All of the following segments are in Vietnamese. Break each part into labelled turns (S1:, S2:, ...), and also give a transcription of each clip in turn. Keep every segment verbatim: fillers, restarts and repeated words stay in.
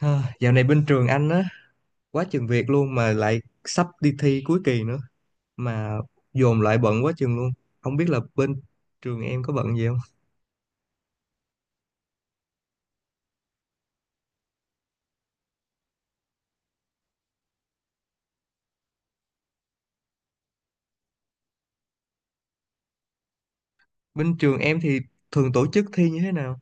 S1: Ha, dạo này bên trường anh á, quá chừng việc luôn mà lại sắp đi thi cuối kỳ nữa mà dồn lại bận quá chừng luôn. Không biết là bên trường em có bận gì không? Bên trường em thì thường tổ chức thi như thế nào?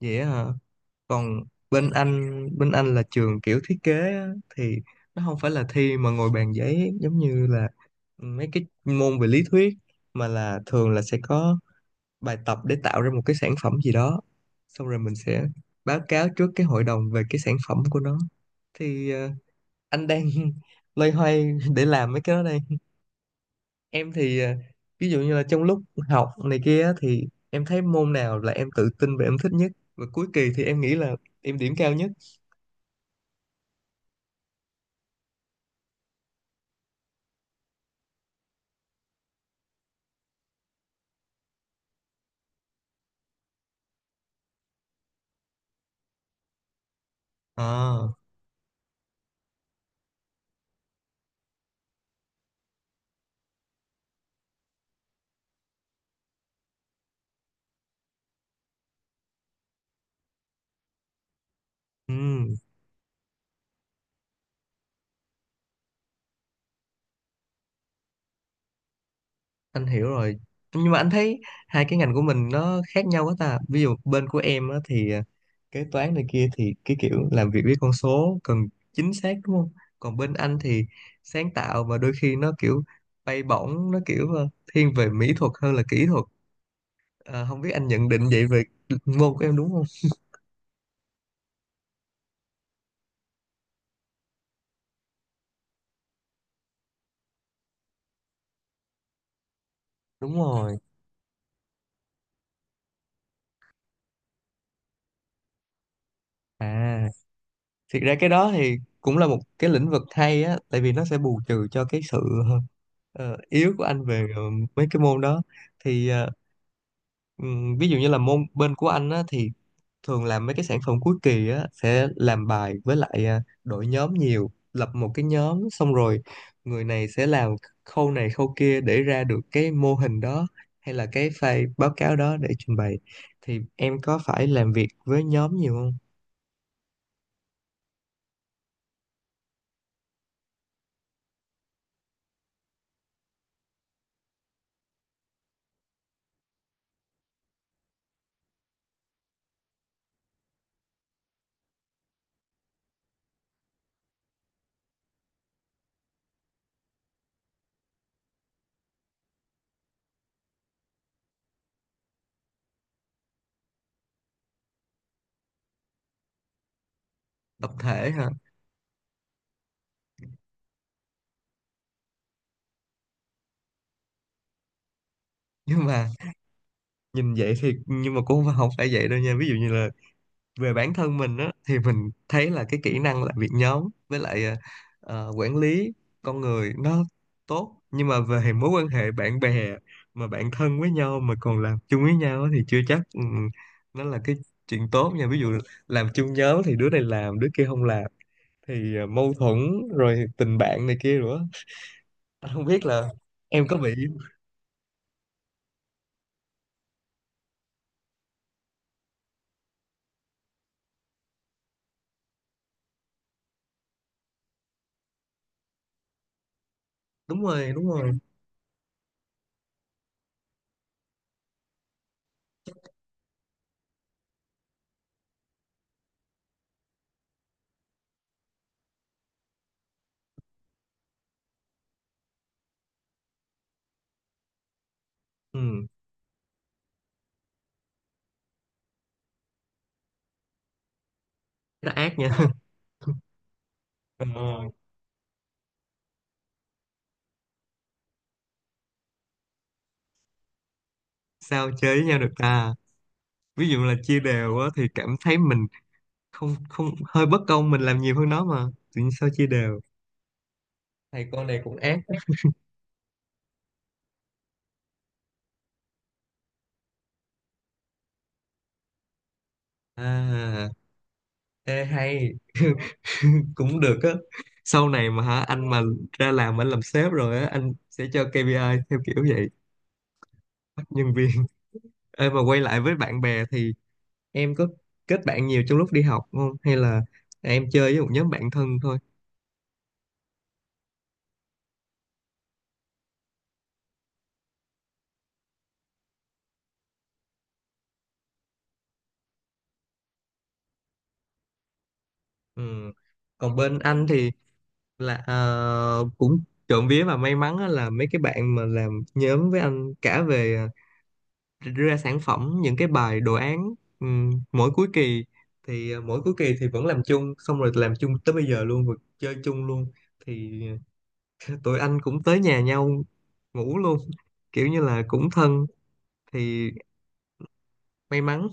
S1: Vậy á hả? Còn bên anh, bên anh là trường kiểu thiết kế á, thì nó không phải là thi mà ngồi bàn giấy giống như là mấy cái môn về lý thuyết, mà là thường là sẽ có bài tập để tạo ra một cái sản phẩm gì đó. Xong rồi mình sẽ báo cáo trước cái hội đồng về cái sản phẩm của nó, thì ờ, anh đang loay hoay để làm mấy cái đó đây. Em thì ờ, ví dụ như là trong lúc học này kia á, thì em thấy môn nào là em tự tin và em thích nhất, và cuối kỳ thì em nghĩ là em điểm cao nhất. À, ừm, anh hiểu rồi, nhưng mà anh thấy hai cái ngành của mình nó khác nhau quá ta. Ví dụ bên của em á, thì ờ, kế toán này kia thì cái kiểu làm việc với con số cần chính xác, đúng không? Còn bên anh thì sáng tạo, mà đôi khi nó kiểu bay bổng, nó kiểu ờ, thiên về mỹ thuật hơn là kỹ thuật. Ờ, Không biết anh nhận định vậy về môn của em đúng không? Đúng rồi. À, thiệt ra cái đó thì cũng là một cái lĩnh vực hay á, tại vì nó sẽ bù trừ cho cái sự ờ, ờ, yếu của anh về ờ, mấy cái môn đó. Thì ờ, Ừm, ví dụ như là môn bên của anh á, thì thường làm mấy cái sản phẩm cuối kỳ á, sẽ làm bài với lại à, đội nhóm nhiều, lập một cái nhóm xong rồi người này sẽ làm khâu này khâu kia để ra được cái mô hình đó, hay là cái file báo cáo đó để trình bày. Thì em có phải làm việc với nhóm nhiều không? Tập thể hả? Nhưng mà nhìn vậy thì nhưng mà cũng không phải vậy đâu nha. Ví dụ như là về bản thân mình á, thì mình thấy là cái kỹ năng làm việc nhóm với lại ờ, ờ, quản lý con người nó tốt, nhưng mà về mối quan hệ bạn bè mà bạn thân với nhau mà còn làm chung với nhau á, thì chưa chắc ừ, nó là cái chuyện tốt nha. Ví dụ làm chung nhóm thì đứa này làm đứa kia không làm, thì ờ, mâu thuẫn, rồi tình bạn này kia nữa. Anh không biết là em có bị. Đúng rồi, đúng rồi, ừ. Nó ác nha. Ờ, Sao chơi với nhau được ta? Ví dụ là chia đều á, thì cảm thấy mình không không hơi bất công, mình làm nhiều hơn nó mà tự nhiên sao chia đều. Thầy con này cũng ác. À, ê hay. Cũng được á. Sau này mà hả anh, mà ra làm anh làm sếp rồi á, anh sẽ cho ca pê i theo kiểu vậy, bắt nhân viên. Ê, mà quay lại với bạn bè thì em có kết bạn nhiều trong lúc đi học không, hay là em chơi với một nhóm bạn thân thôi? Ừ. Còn bên anh thì là ờ, cũng trộm vía và may mắn á, là mấy cái bạn mà làm nhóm với anh cả về ra sản phẩm những cái bài đồ án, ừm, mỗi cuối kỳ thì ờ, mỗi cuối kỳ thì vẫn làm chung, xong rồi làm chung tới bây giờ luôn và chơi chung luôn. Thì ờ, tụi anh cũng tới nhà nhau ngủ luôn kiểu như là cũng thân, thì may mắn.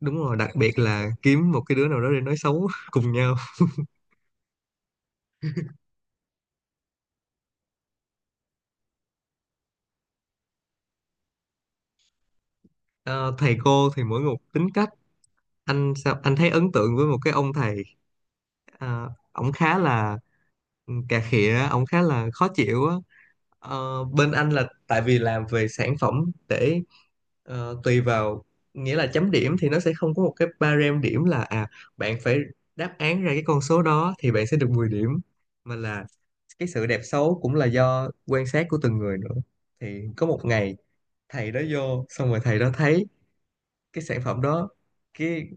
S1: Đúng rồi, đặc biệt là kiếm một cái đứa nào đó để nói xấu cùng nhau. Ờ, Thầy cô thì mỗi một tính cách. Anh sao anh thấy ấn tượng với một cái ông thầy, à, ổng khá là cà khịa, ổng khá là khó chịu á. Ờ, bên anh là tại vì làm về sản phẩm, để ờ, tùy vào, nghĩa là chấm điểm thì nó sẽ không có một cái barem điểm là à bạn phải đáp án ra cái con số đó thì bạn sẽ được mười điểm, mà là cái sự đẹp xấu cũng là do quan sát của từng người nữa. Thì có một ngày thầy đó vô xong rồi thầy đó thấy cái sản phẩm đó, cái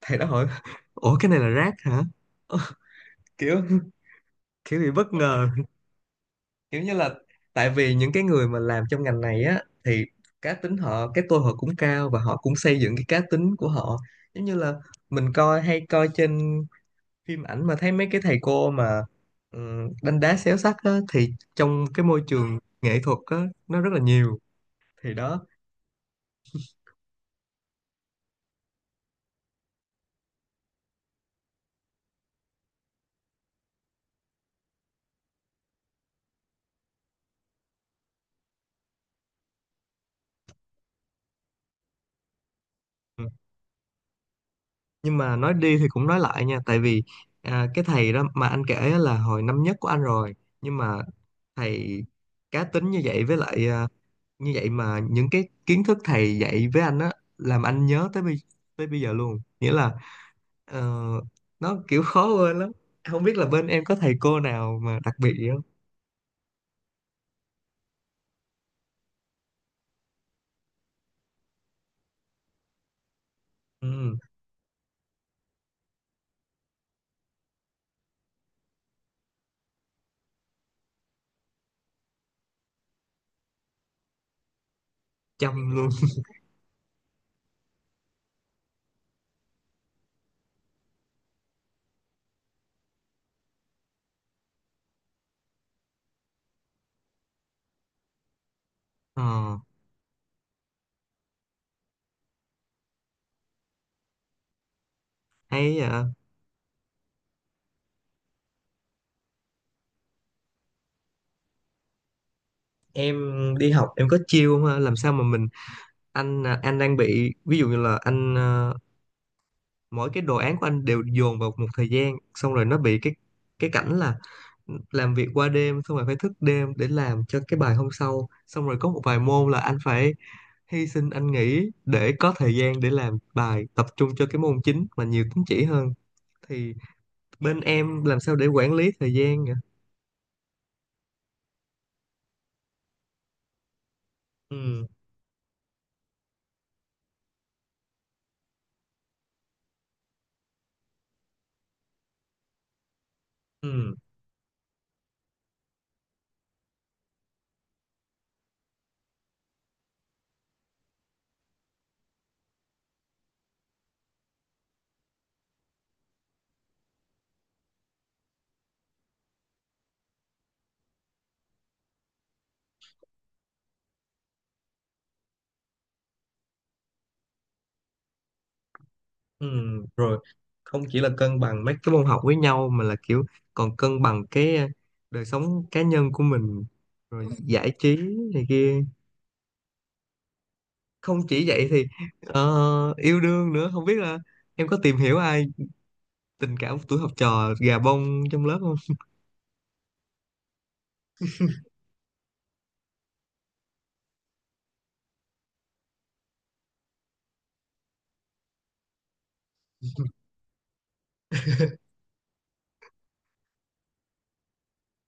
S1: thầy đó hỏi, ủa cái này là rác hả? Kiểu kiểu bị bất ngờ, kiểu như là tại vì những cái người mà làm trong ngành này á, thì cá tính họ, cái tôi họ cũng cao, và họ cũng xây dựng cái cá tính của họ. Giống như là mình coi hay coi trên phim ảnh mà thấy mấy cái thầy cô mà ừm, đánh đá xéo sắc á, thì trong cái môi trường nghệ thuật á nó rất là nhiều. Thì đó. Ừ. Nhưng mà nói đi thì cũng nói lại nha, tại vì à, cái thầy đó mà anh kể á là hồi năm nhất của anh rồi, nhưng mà thầy cá tính như vậy, với lại à, như vậy, mà những cái kiến thức thầy dạy với anh á làm anh nhớ tới bây tới bây giờ luôn, nghĩa là ờ, nó kiểu khó quên lắm. Không biết là bên em có thầy cô nào mà đặc biệt gì không? Ừ, chăm luôn. Ờ, hay vậy. Em đi học em có chiêu không ha? Làm sao mà mình, anh à, anh đang bị, ví dụ như là anh à, mỗi cái đồ án của anh đều dồn vào một thời gian, xong rồi nó bị cái cái cảnh là làm việc qua đêm, xong rồi phải thức đêm để làm cho cái bài hôm sau, xong rồi có một vài môn là anh phải hy sinh, anh nghỉ để có thời gian để làm bài tập trung cho cái môn chính mà nhiều tín chỉ hơn. Thì bên em làm sao để quản lý thời gian nhỉ? Ừ, ừ, ừ. Rồi, không chỉ là cân bằng mấy cái môn học với nhau mà là kiểu còn cân bằng cái ờ, đời sống cá nhân của mình, rồi giải trí này kia. Không chỉ vậy thì ờ, yêu đương nữa, không biết là em có tìm hiểu ai, tình cảm của tuổi học trò gà bông trong lớp không?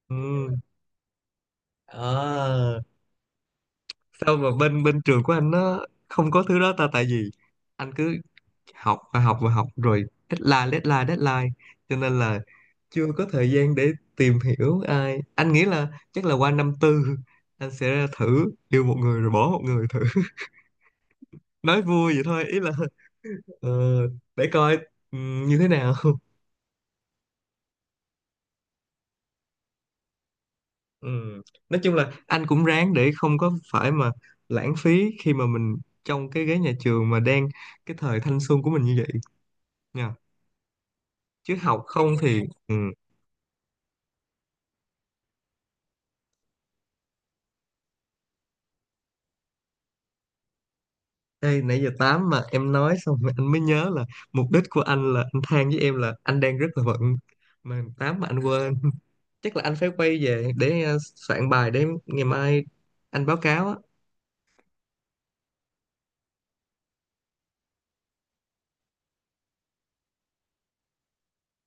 S1: Ừ. Ờ, Sao mà bên bên trường của anh nó không có thứ đó ta? Tại vì anh cứ học và học và học, rồi deadline deadline deadline, cho nên là chưa có thời gian để tìm hiểu ai. Anh nghĩ là chắc là qua năm tư anh sẽ ra thử yêu một người rồi bỏ một người thử. Nói vui vậy thôi, ý là ờ, để coi ừ, như thế nào. Ừ. Nói chung là anh cũng ráng để không có phải mà lãng phí khi mà mình trong cái ghế nhà trường mà đang cái thời thanh xuân của mình như vậy nha. Chứ học không thì ừ. Đây nãy giờ tám mà em nói xong rồi anh mới nhớ là mục đích của anh là anh than với em là anh đang rất là bận mà tám mà anh quên. Chắc là anh phải quay về để ờ, soạn bài để ngày mai anh báo cáo á.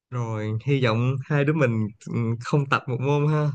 S1: Rồi hy vọng hai đứa mình ừ, không tập một môn ha.